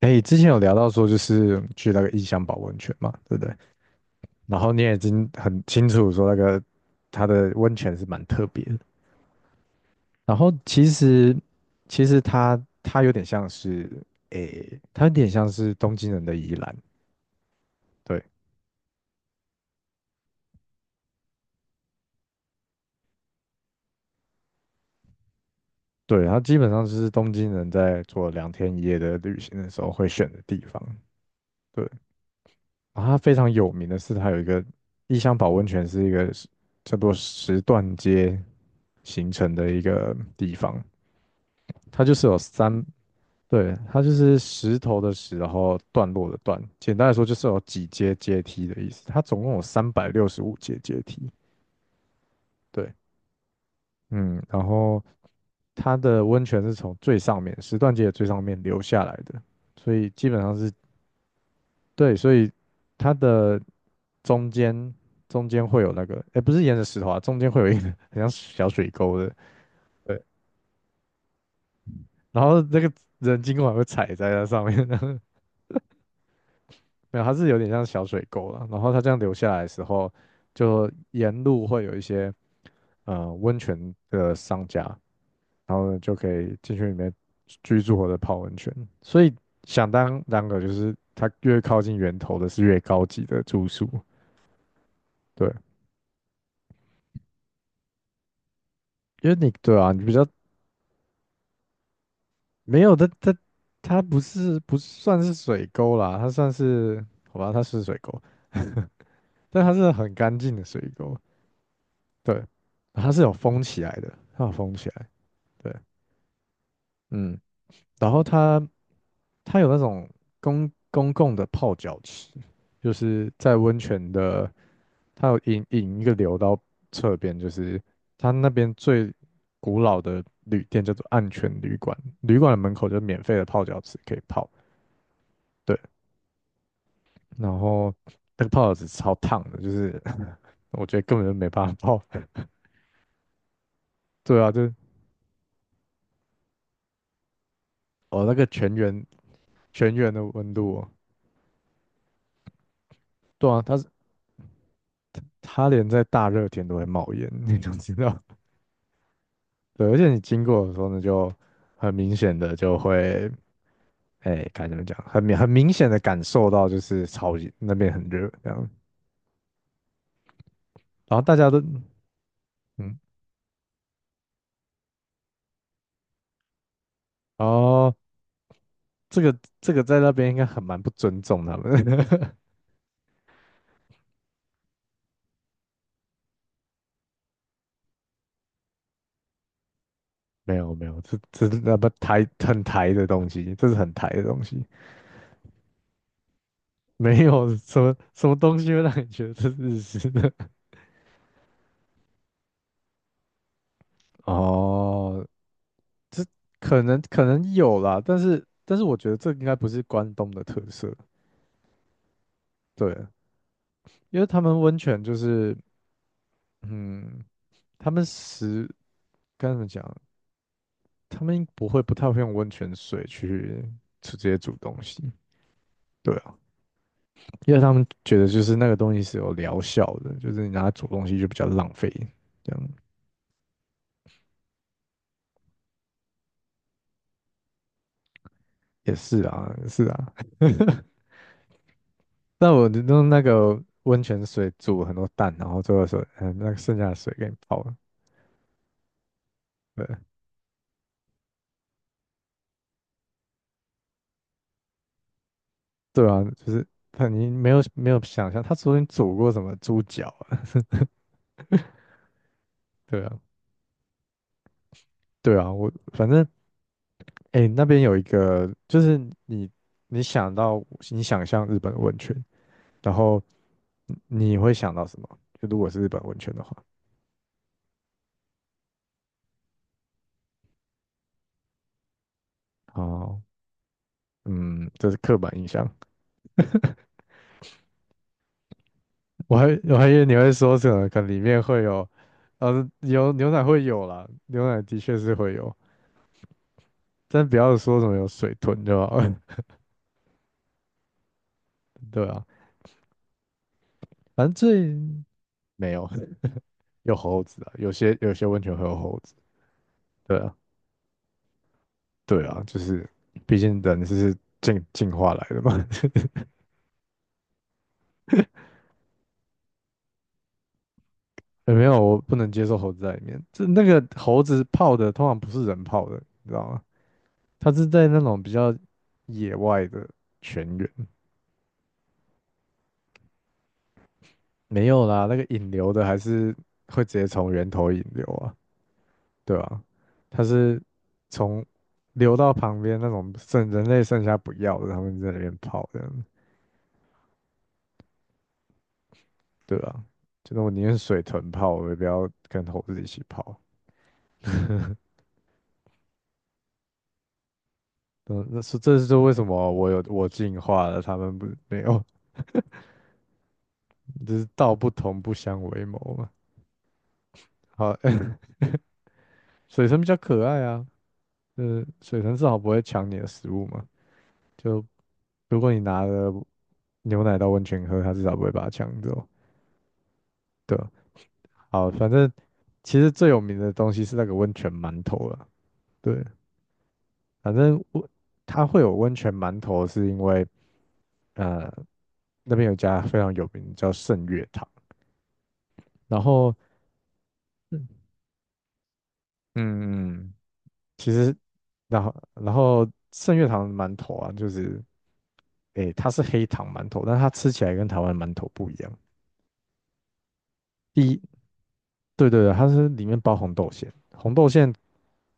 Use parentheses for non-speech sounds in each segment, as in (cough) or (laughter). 哎，之前有聊到说，就是去那个异香保温泉嘛，对不对？然后你也已经很清楚说，那个它的温泉是蛮特别的。然后其实，其实它有点像是，诶，它有点像是东京人的宜兰。对，对，它基本上就是东京人在做2天1夜的旅行的时候会选的地方。对，然后它非常有名的是，它有一个异香保温泉，是一个叫做石段街形成的一个地方。它就是有三，对，它就是石头的石，然后段落的段。简单来说，就是有几阶阶梯的意思。它总共有365阶阶梯。对，嗯，然后它的温泉是从最上面石段街的最上面流下来的，所以基本上是，对，所以它的中间，会有那个，哎，不是沿着石头啊，中间会有一个很像小水沟的。对，然后那个人经过还会踩在那上面，(laughs) 没有，它是有点像小水沟了。然后它这样流下来的时候，就沿路会有一些温泉的商家，然后呢就可以进去里面居住或者泡温泉。所以想当然个就是它越靠近源头的是越高级的住宿，对，因为你对啊，你比较没有，它不是，不算是水沟啦，它算是，好吧，它是水沟，(laughs) 但它是很干净的水沟，对，它是有封起来的，它有封起来。对，嗯，然后它，它有那种公共的泡脚池，就是在温泉的，它有引一个流到侧边，就是它那边最古老的旅店叫做暗泉旅馆，旅馆的门口就是免费的泡脚池可以泡。对，然后那个泡脚池超烫的，就是 (laughs) 我觉得根本就没办法泡。(laughs) 对啊，就是哦那个全员，的温度哦，对啊，它是，它连在大热天都会冒烟，那种知道。对，而且你经过的时候呢，就很明显的就会，哎，该怎么讲，很明显的感受到就是超级那边很热这样，然后大家都，嗯，哦，这个这个在那边应该很蛮不尊重他们的 (laughs) 没有没有，这这是那不台很台的东西，这是很台的东西。没有什么什么东西会让你觉得这是日式的，(laughs) 哦，这可能有啦，但是我觉得这应该不是关东的特色。对。因为他们温泉就是，嗯，他们食该怎么讲？他们不太会用温泉水去直接煮东西，对啊，因为他们觉得就是那个东西是有疗效的，就是你拿来煮东西就比较浪费，这样也是啊，也是啊。(laughs) 那我就用那个温泉水煮很多蛋，然后最后说，嗯，那个剩下的水给你泡了，对，对啊，就是你没有想象，他昨天煮过什么猪脚啊？对啊，对啊，我反正。哎，那边有一个，就是你你想到你想象日本温泉，然后你会想到什么？就如果是日本温泉的话，哦，嗯，这是刻板印象。我还以为你会说什么，可能里面会有，有牛奶会有啦，牛奶的确是会有，但不要说什么有水豚对吧？了。(laughs) 对啊，反正没有，有猴子啊，有些温泉会有猴子。对啊，对啊，就是毕竟人是进化来的嘛。欸没有，我不能接受猴子在里面。这那个猴子泡的通常不是人泡的，你知道吗？它是在那种比较野外的泉源，没有啦，那个引流的还是会直接从源头引流啊，对吧，它是从流到旁边那种剩人类剩下不要的，他们在那边泡这样，对啊？就是我宁愿水豚泡，我也不要跟猴子一起泡。嗯，那是这是为什么我进化了，他们不没有。就是道不同不相为谋嘛。好，(laughs) 水神比较可爱啊，呃，水神至少不会抢你的食物嘛。就如果你拿了牛奶到温泉喝，它至少不会把它抢走。对啊，好，反正其实最有名的东西是那个温泉馒头了。对，反正它会有温泉馒头，是因为呃那边有一家非常有名叫圣月堂，然后嗯嗯，嗯其实然后圣月堂的馒头啊，就是。诶，它是黑糖馒头，但它吃起来跟台湾馒头不一样。第一，对对对，它是里面包红豆馅，红豆馅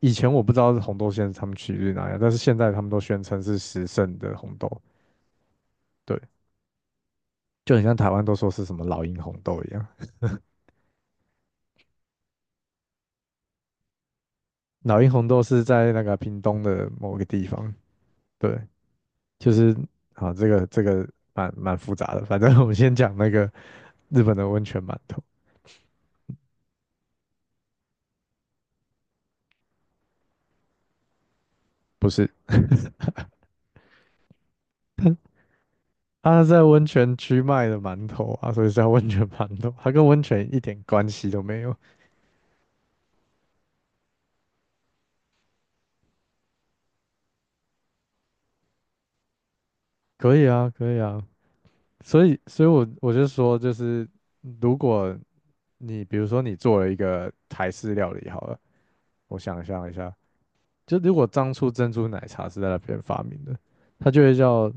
以前我不知道是红豆馅是他们取自于哪样，但是现在他们都宣称是时盛的红豆，对，就很像台湾都说是什么老鹰红豆一样。老鹰红豆是在那个屏东的某个地方，对，就是好，这个蛮复杂的，反正我们先讲那个日本的温泉馒头，不是。他是在温泉区卖的馒头啊，所以是叫温泉馒头，它跟温泉一点关系都没有。可以啊，可以啊，所以我就说，就是如果你比如说你做了一个台式料理好了，我想象一下，就如果当初珍珠奶茶是在那边发明的，它就会叫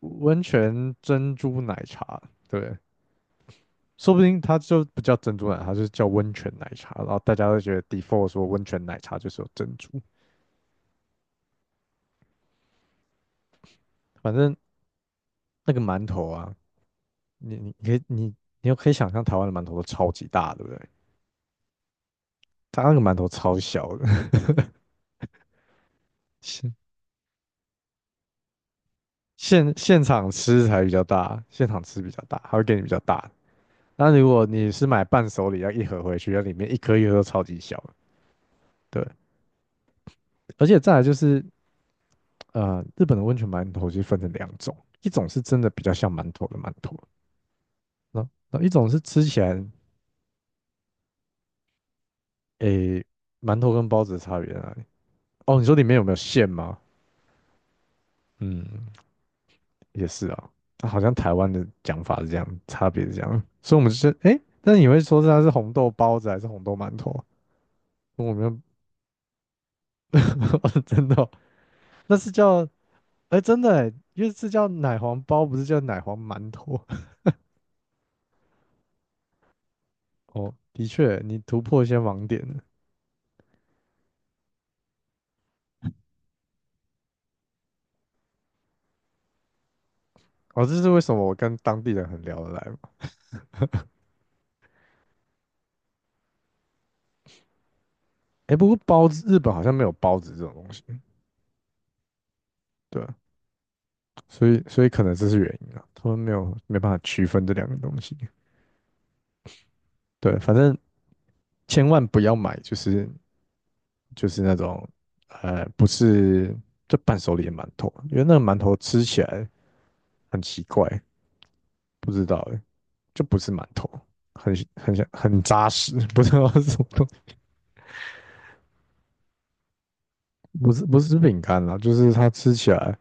温泉珍珠奶茶，对，说不定它就不叫珍珠奶茶，它就是叫温泉奶茶，然后大家都觉得 default 说温泉奶茶就是有珍珠。反正那个馒头啊，你你可以你你又可以想象台湾的馒头都超级大，对不对？它那个馒头超小的，(laughs) 现现场吃才比较大，现场吃比较大，它会给你比较大的。那如果你是买伴手礼，要一盒回去，要里面一颗一颗都超级小的，对。而且再来就是，呃，日本的温泉馒头就分成两种，一种是真的比较像馒头的馒头，那一种是吃起来，诶，馒头跟包子的差别在哪里？哦，你说里面有没有馅吗？嗯。也是啊，好像台湾的讲法是这样，差别是这样，所以我们就是哎，诶那你会说是它是红豆包子还是红豆馒头啊？我没有，(laughs) 真的哦那是叫哎真的哎，因为是叫奶黄包，不是叫奶黄馒头。 (laughs) 哦。的确，你突破一些盲点了哦，这是为什么我跟当地人很聊得来嘛？哎，不过包子，日本好像没有包子这种东西，对啊，所以可能这是原因啊，他们没有没办法区分这两个东西。对，反正千万不要买，就是。就是那种不是就伴手礼的馒头，因为那个馒头吃起来很奇怪，不知道欸就不是馒头，很像很扎实，(laughs) 不知道是什么东西，不是，不是饼干啦，就是它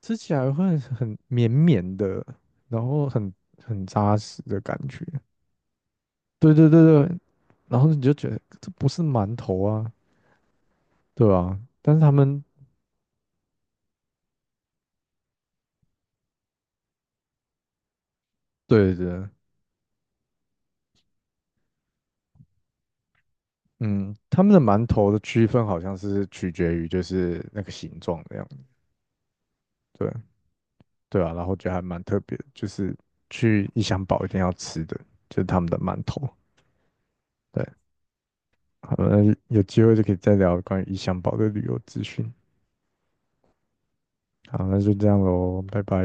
吃起来会很绵绵的，然后很扎实的感觉，对对对，对，然后你就觉得这不是馒头啊，对啊，但是他们对对，嗯，他们的馒头的区分好像是取决于就是那个形状的样子，对，对啊，然后觉得还蛮特别的，就是去异乡堡一定要吃的，就是他们的馒头。对，好，了，有机会就可以再聊关于异乡堡的旅游资讯。好，那就这样喽，拜拜。